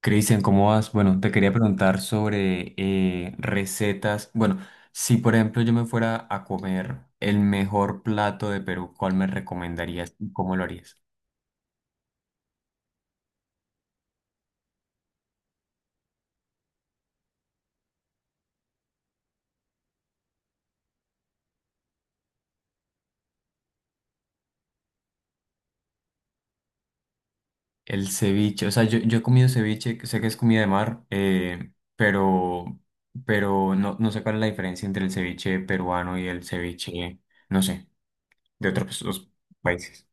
Cristian, ¿cómo vas? Bueno, te quería preguntar sobre recetas. Bueno, si por ejemplo yo me fuera a comer el mejor plato de Perú, ¿cuál me recomendarías y cómo lo harías? El ceviche, o sea, yo he comido ceviche, que sé que es comida de mar, pero, pero no sé cuál es la diferencia entre el ceviche peruano y el ceviche, no sé, de otros países.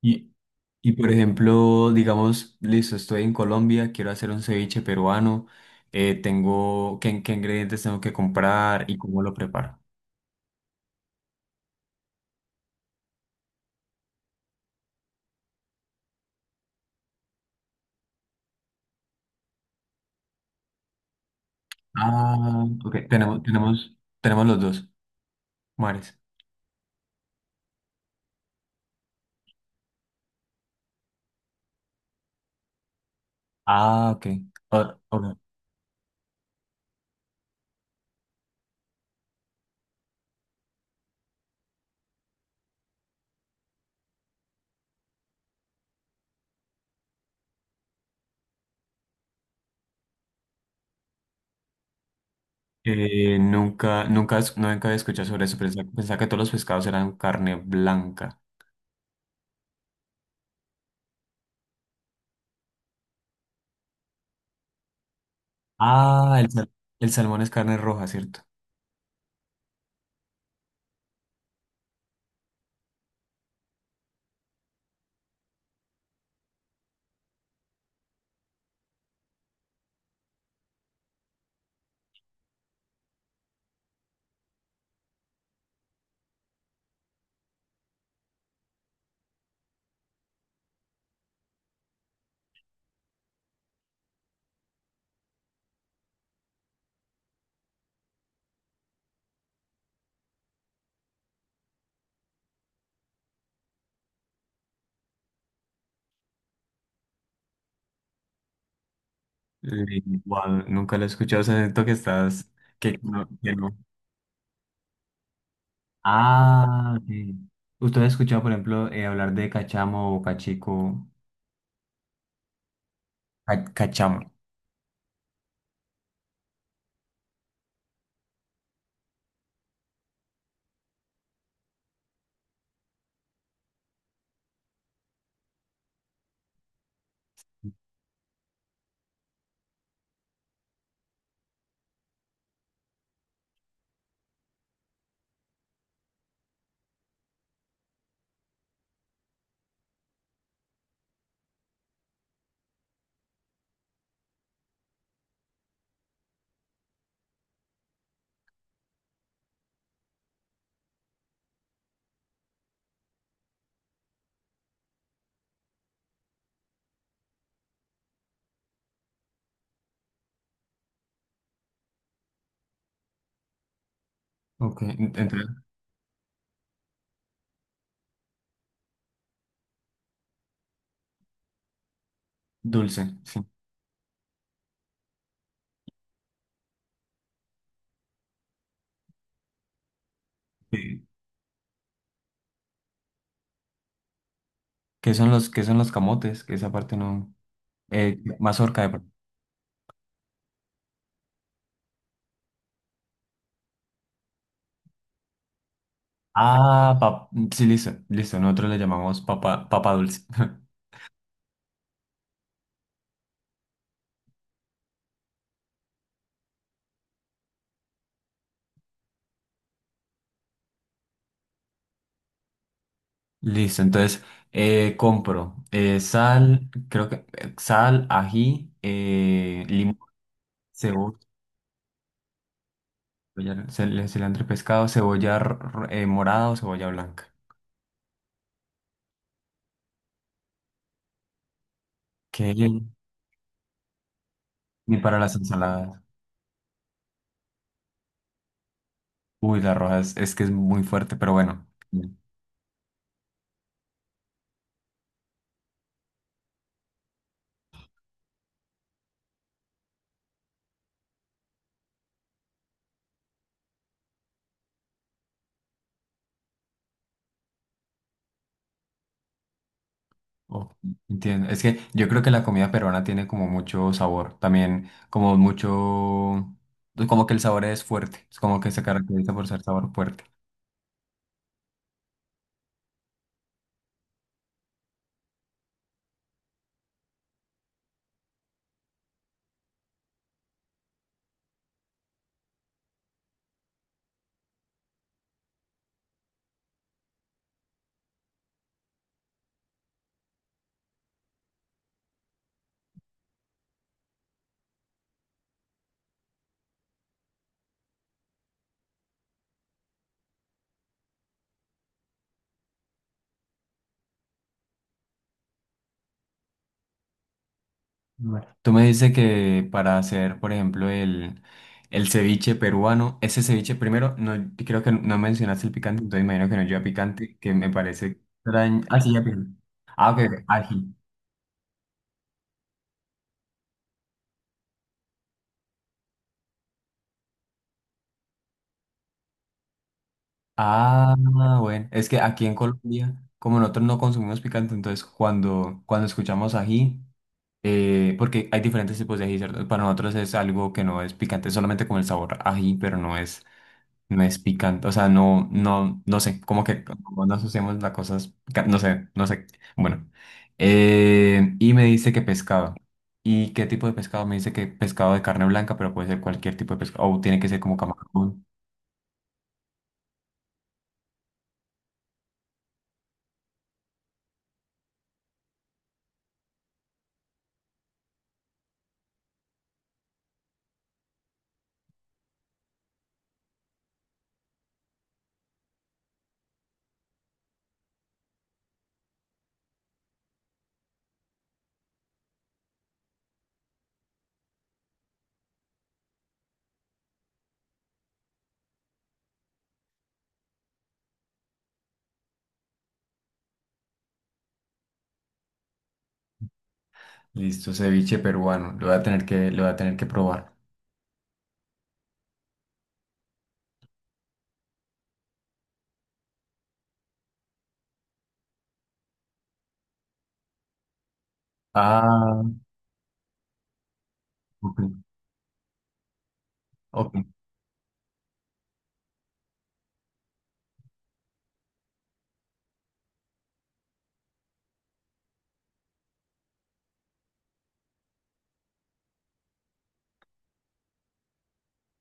Y, y por ejemplo, digamos, listo, estoy en Colombia, quiero hacer un ceviche peruano, tengo, ¿ qué ingredientes tengo que comprar y cómo lo preparo? Ah, ok, tenemos los dos mares. Ah, ok. Ah, ok. Nunca había escuchado sobre eso, pensaba que todos los pescados eran carne blanca. Ah, el salmón es carne roja, ¿cierto? Guau, nunca lo he escuchado, o sea, siento que estás, que no. Ah, sí. ¿Usted ha escuchado, por ejemplo, hablar de cachamo o cachico? Cachamo. Ok, entonces, dulce, sí. Sí. Qué son los camotes? Que esa parte no. Mazorca de... Ah, pa- sí, listo, listo. Nosotros le llamamos papa, papa dulce. Listo, entonces compro sal, creo que sal, ají, limón, cebolla, cilantro y pescado, cebolla morada o cebolla blanca. ¿Qué? Ni para las ensaladas. Uy, la roja es que es muy fuerte, pero bueno. mm, oh, entiendo. Es que yo creo que la comida peruana tiene como mucho sabor. También como mucho... pues, como que el sabor es fuerte. Es como que se caracteriza por ser sabor fuerte. Bueno. Tú me dices que para hacer, por ejemplo, el ceviche peruano, ese ceviche primero, no, creo que no mencionaste el picante, entonces imagino que no lleva picante, que me parece extraño. Ah, sí, ya picante. Ah, ok, ok, ají. Ah, bueno, es que aquí en Colombia, como nosotros no consumimos picante, entonces cuando, cuando escuchamos ají, porque hay diferentes tipos de ají, ¿cierto? Para nosotros es algo que no es picante, es solamente como el sabor ají, pero no es, no es picante, o sea, no, no, no sé, como que no asociamos las cosas, no sé, no sé, bueno. Y me dice que pescado. ¿Y qué tipo de pescado? Me dice que pescado de carne blanca, pero puede ser cualquier tipo de pescado, o tiene que ser como camarón. Listo, ceviche peruano. Lo voy a tener que, lo voy a tener que probar. Ah, ok, ok.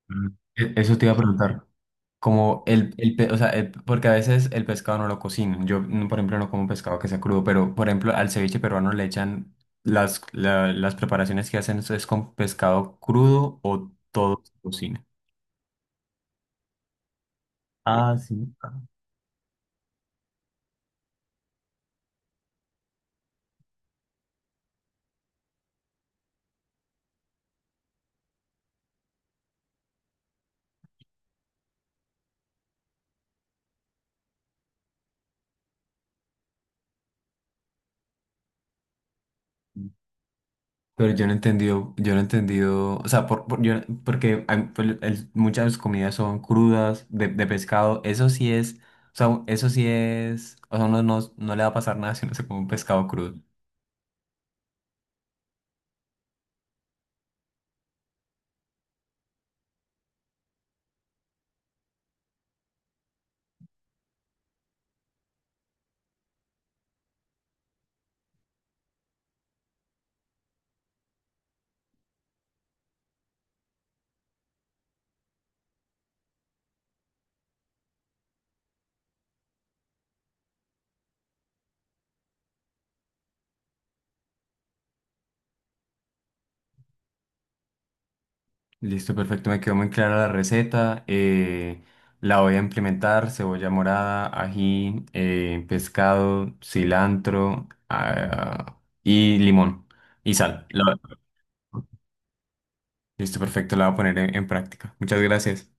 Mm. Eso te iba a preguntar. Como el, o sea, porque a veces el pescado no lo cocinan. Yo, mm, por ejemplo, no como pescado que sea crudo, pero, por ejemplo, al ceviche peruano le echan las, las preparaciones que hacen es con pescado crudo o todo se cocina. Ah, sí. Pero yo no he entendido, o sea, porque muchas comidas son crudas, de pescado, eso sí es, o sea, uno no, no le va a pasar nada si no se come un pescado crudo. Listo, perfecto, me quedó muy clara la receta, la voy a implementar, cebolla morada, ají, pescado, cilantro, ah, y limón, y sal. Listo, perfecto, la voy a poner en práctica. Muchas gracias.